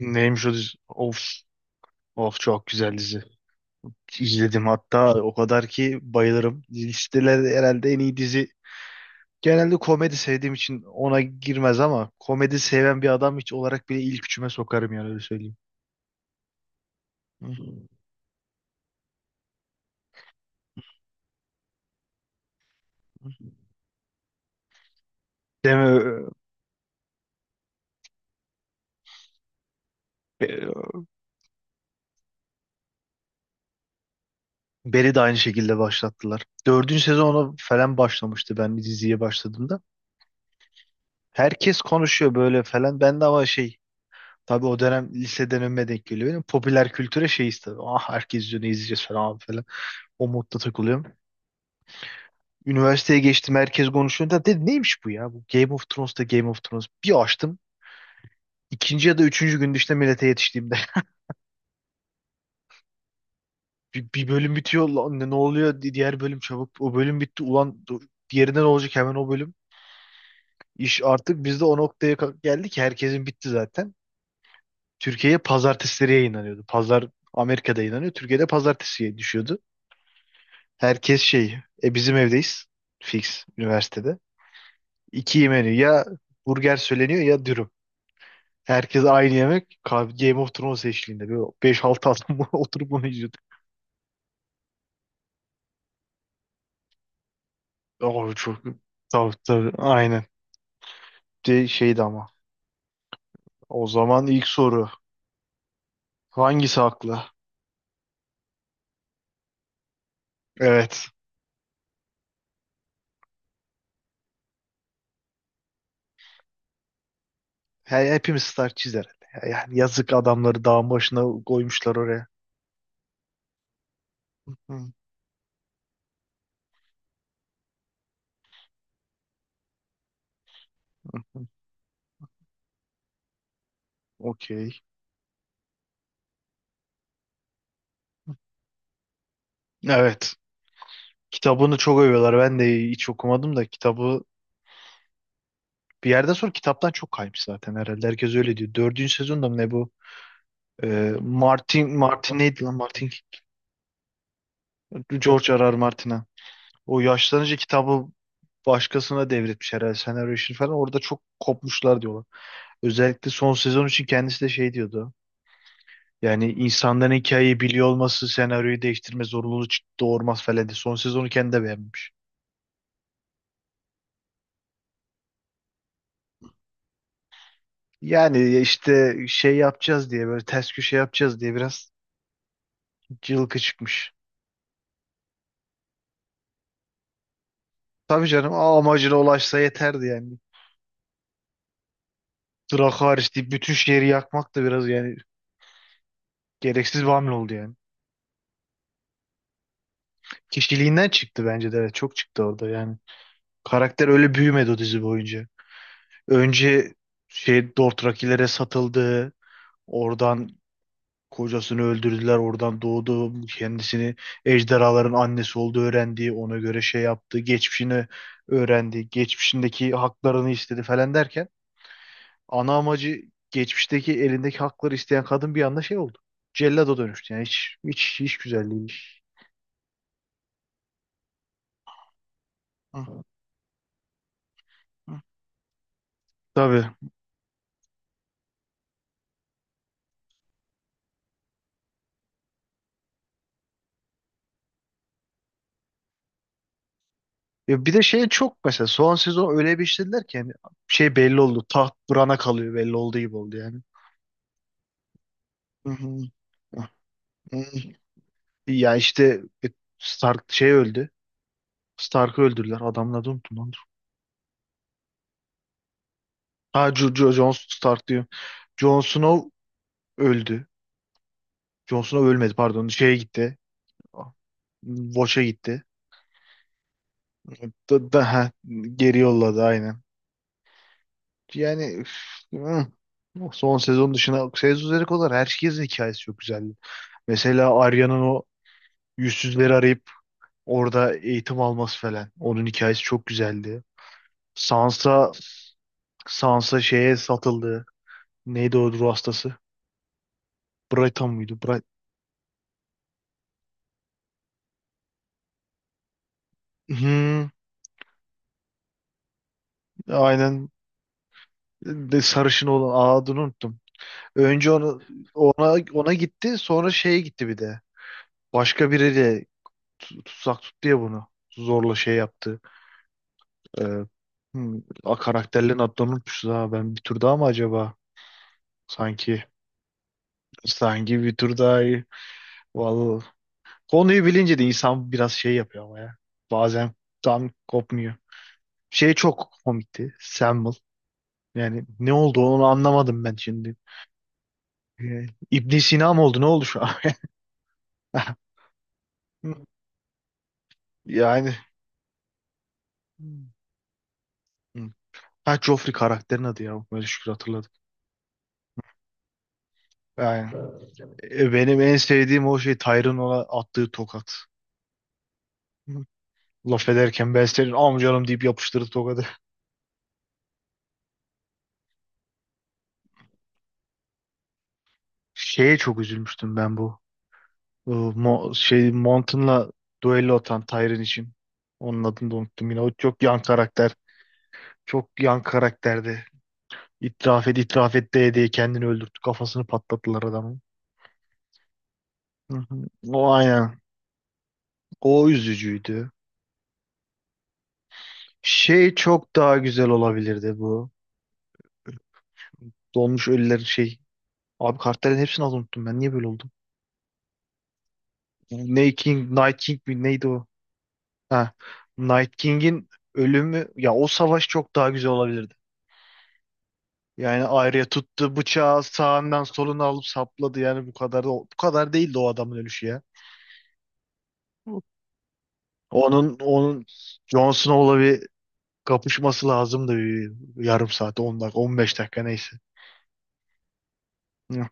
Neymiş o dizi? Of, of çok güzel dizi. İzledim hatta o kadar ki bayılırım. Listelerde herhalde en iyi dizi. Genelde komedi sevdiğim için ona girmez ama komedi seven bir adam hiç olarak bile ilk üçüme sokarım yani öyle söyleyeyim. Deme, Be- Barry de aynı şekilde başlattılar. Dördüncü sezonu falan başlamıştı ben diziye başladığımda. Herkes konuşuyor böyle falan. Ben de ama şey. Tabii o dönem liseden önüme denk geliyor. Benim popüler kültüre şeyiz tabii. Ah herkes izliyor ne izleyeceğiz falan falan. O modda takılıyorum. Üniversiteye geçtim herkes konuşuyor. Dedim neymiş bu ya? Bu Game of Thrones da Game of Thrones. Bir açtım. İkinci ya da üçüncü günde işte millete yetiştiğimde. Bir bölüm bitiyor. Lan ne oluyor? Diğer bölüm çabuk. O bölüm bitti. Ulan dur, diğerinde ne olacak hemen o bölüm. İş artık biz de o noktaya geldik ki herkesin bitti zaten. Türkiye'ye pazartesileri yayınlanıyordu. Pazar Amerika'da yayınlanıyor. Türkiye'de pazartesiye düşüyordu. Herkes şey, e bizim evdeyiz. Fix üniversitede. İki menü ya burger söyleniyor ya dürüm. Herkes aynı yemek. Game of Thrones eşliğinde. Böyle 5-6 adam oturup bunu izliyorduk. Oh, çok... Tabii tabii aynen. De, şeydi ama. O zaman ilk soru. Hangisi haklı? Evet. He, hepimiz star çizer. Yani yazık adamları dağın başına koymuşlar oraya. Hı, okey. Evet. Kitabını çok övüyorlar. Ben de hiç okumadım da kitabı. Bir yerden sonra kitaptan çok kaymış zaten herhalde. Herkes öyle diyor. Dördüncü sezonda mı ne bu? Martin, Martin neydi lan Martin? George R. R. Martin'a. O yaşlanınca kitabı başkasına devretmiş herhalde senaryo işini falan. Orada çok kopmuşlar diyorlar. Özellikle son sezon için kendisi de şey diyordu. Yani insanların hikayeyi biliyor olması senaryoyu değiştirme zorunluluğu doğurmaz falan diye. Son sezonu kendi de beğenmiş. Yani işte şey yapacağız diye böyle ters köşe yapacağız diye biraz cılkı çıkmış. Tabii canım amacına ulaşsa yeterdi yani. Irak hariç deyip bütün şehri yakmak da biraz yani gereksiz bir hamle oldu yani. Kişiliğinden çıktı bence de evet çok çıktı orada yani. Karakter öyle büyümedi o dizi boyunca. Önce şey Dothrakilere satıldı. Oradan kocasını öldürdüler. Oradan doğdu. Kendisini ejderhaların annesi olduğu öğrendi. Ona göre şey yaptı. Geçmişini öğrendi. Geçmişindeki haklarını istedi falan derken ana amacı geçmişteki elindeki hakları isteyen kadın bir anda şey oldu. Cellada dönüştü yani hiç hiç hiç güzel değilmiş. Hı, hı. Tabii. Ya bir de şey çok mesela son sezon öyle bir işlediler ki yani şey belli oldu. Taht Bran'a kalıyor belli olduğu gibi oldu yani. Hı hı. Hı hı. Ya işte Stark şey öldü. Stark'ı öldürdüler. Adamın adını unuttum lan. Dur. Ha Jon Stark diyor. Jon Snow öldü. Jon Snow ölmedi pardon. Şeye gitti. Watch'a gitti. Daha geri yolladı aynen. Yani üf, hı. Son sezon dışına sezon üzeri kadar herkesin hikayesi çok güzeldi. Mesela Arya'nın o yüzsüzleri arayıp orada eğitim alması falan. Onun hikayesi çok güzeldi. Sansa Sansa şeye satıldı. Neydi o ruh hastası? Brighton muydu? Bright... Hı, aynen. De sarışın olan adını unuttum. Önce onu, ona gitti, sonra şeye gitti bir de. Başka biriyle tutsak tut diye bunu. Zorla şey yaptı. Ee, karakterlerin adlarını unutmuşuz ha. Ben bir tur daha mı acaba? Sanki sanki bir tur daha iyi. Vallahi. Konuyu bilince de insan biraz şey yapıyor ama ya. Bazen tam kopmuyor. Şey çok komikti. Samuel. Yani ne oldu onu anlamadım ben şimdi. İbn Sina mı oldu? Ne oldu şu an? Yani. Hı. Ha Joffrey karakterin adı ya. Böyle şükür hatırladım. Yani benim en sevdiğim o şey Tyron ona attığı tokat. Laf ederken ben senin amcanım deyip yapıştırdı tokadı. Şeye çok üzülmüştüm ben bu. E, Mo şey Mountain'la duello atan Tyron için. Onun adını da unuttum yine. O çok yan karakter. Çok yan karakterdi. İtiraf et, itiraf et diye diye kendini öldürttü. Kafasını patlattılar adamın. Hı hı. O aynen. O üzücüydü. Şey çok daha güzel olabilirdi bu. Dolmuş ölülerin şey. Abi kartların hepsini az unuttum ben. Niye böyle oldu? Night King mi neydi o? Ha. Night King'in ölümü ya o savaş çok daha güzel olabilirdi. Yani Arya tuttu bıçağı sağından soluna alıp sapladı yani bu kadar da bu kadar değildi o adamın ölüşü ya. Onun Jon Snow'la bir kapışması lazımdı bir yarım saat 10 dakika 15 dakika neyse. Hı.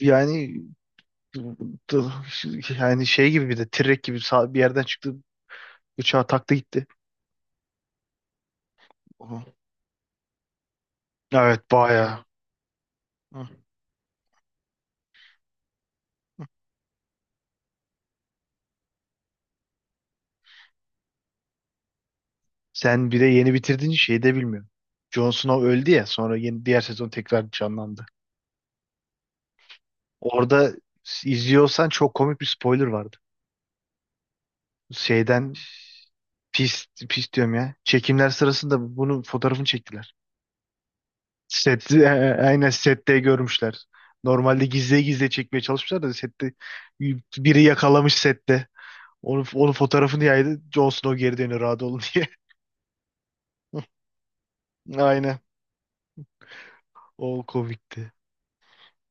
Yani yani şey gibi bir de T-Rex gibi bir yerden çıktı bıçağı taktı gitti. Hı. Evet bayağı. Hı. Sen bir de yeni bitirdiğin şeyi de bilmiyorsun. Jon Snow öldü ya sonra yeni diğer sezon tekrar canlandı. Orada izliyorsan çok komik bir spoiler vardı. Şeyden pis pis diyorum ya. Çekimler sırasında bunun fotoğrafını çektiler. Set, aynen sette görmüşler. Normalde gizli gizli çekmeye çalışmışlar da sette biri yakalamış sette. Onun fotoğrafını yaydı. Jon Snow geri dönüyor rahat olun diye. Aynen. O komikti.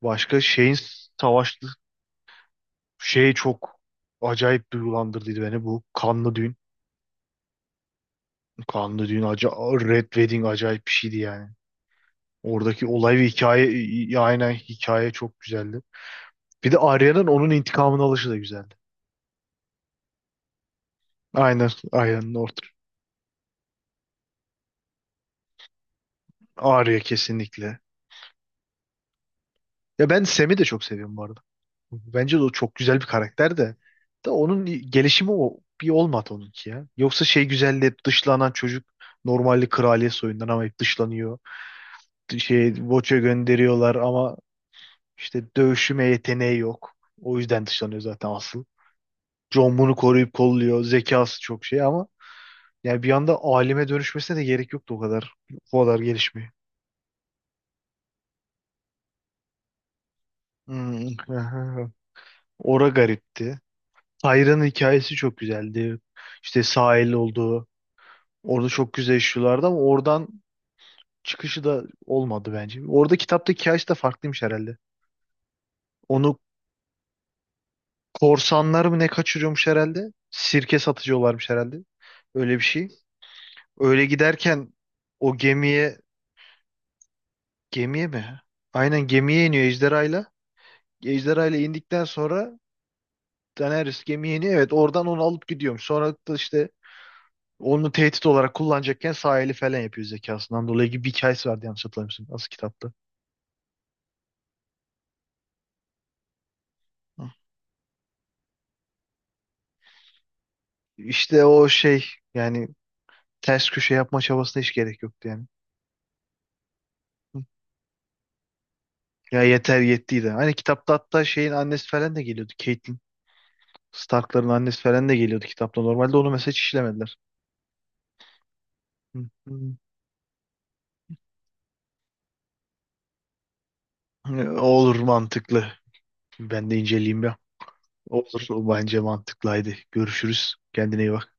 Başka şeyin savaş. Şey çok acayip duygulandırdıydı beni bu kanlı düğün. Kanlı düğün Red Wedding acayip bir şeydi yani. Oradaki olay ve hikaye aynen hikaye çok güzeldi. Bir de Arya'nın onun intikamını alışı da güzeldi. Aynen Arya'nın ortası. Arya kesinlikle. Ya ben Sam'i de çok seviyorum bu arada. Bence de o çok güzel bir karakter de. Onun gelişimi o bir olmadı onunki ya. Yoksa şey güzeldi hep dışlanan çocuk normalde kraliyet soyundan ama hep dışlanıyor şey Voç'a gönderiyorlar ama İşte dövüşüme yeteneği yok. O yüzden dışlanıyor zaten asıl. John bunu koruyup kolluyor. Zekası çok şey ama yani bir anda alime dönüşmesine de gerek yoktu o kadar. O kadar gelişmiyor. Hmm. Ora garipti. Tyra'nın hikayesi çok güzeldi. İşte sahil olduğu. Orada çok güzel işliyorlardı ama oradan çıkışı da olmadı bence. Orada kitapta hikayesi de farklıymış herhalde. Onu korsanlar mı ne kaçırıyormuş herhalde? Sirke satıcı olarmış herhalde. Öyle bir şey. Öyle giderken o gemiye mi? Aynen gemiye iniyor ejderhayla. Ejderhayla indikten sonra Daenerys gemiye iniyor. Evet oradan onu alıp gidiyormuş. Sonra da işte onu tehdit olarak kullanacakken sahili falan yapıyor zekasından dolayı gibi bir hikayesi vardı yanlış hatırlamıyorsun. Nasıl kitapta? Hı. İşte o şey yani ters köşe yapma çabasına hiç gerek yoktu yani. Hı. Ya yeter yettiydi. Hani kitapta hatta şeyin annesi falan da geliyordu. Catelyn Stark'ların annesi falan da geliyordu kitapta. Normalde onu mesela hiç işlemediler. Hı. Hı. Olur mantıklı. Ben de inceleyeyim ya. Olur o bence mantıklıydı. Görüşürüz. Kendine iyi bak.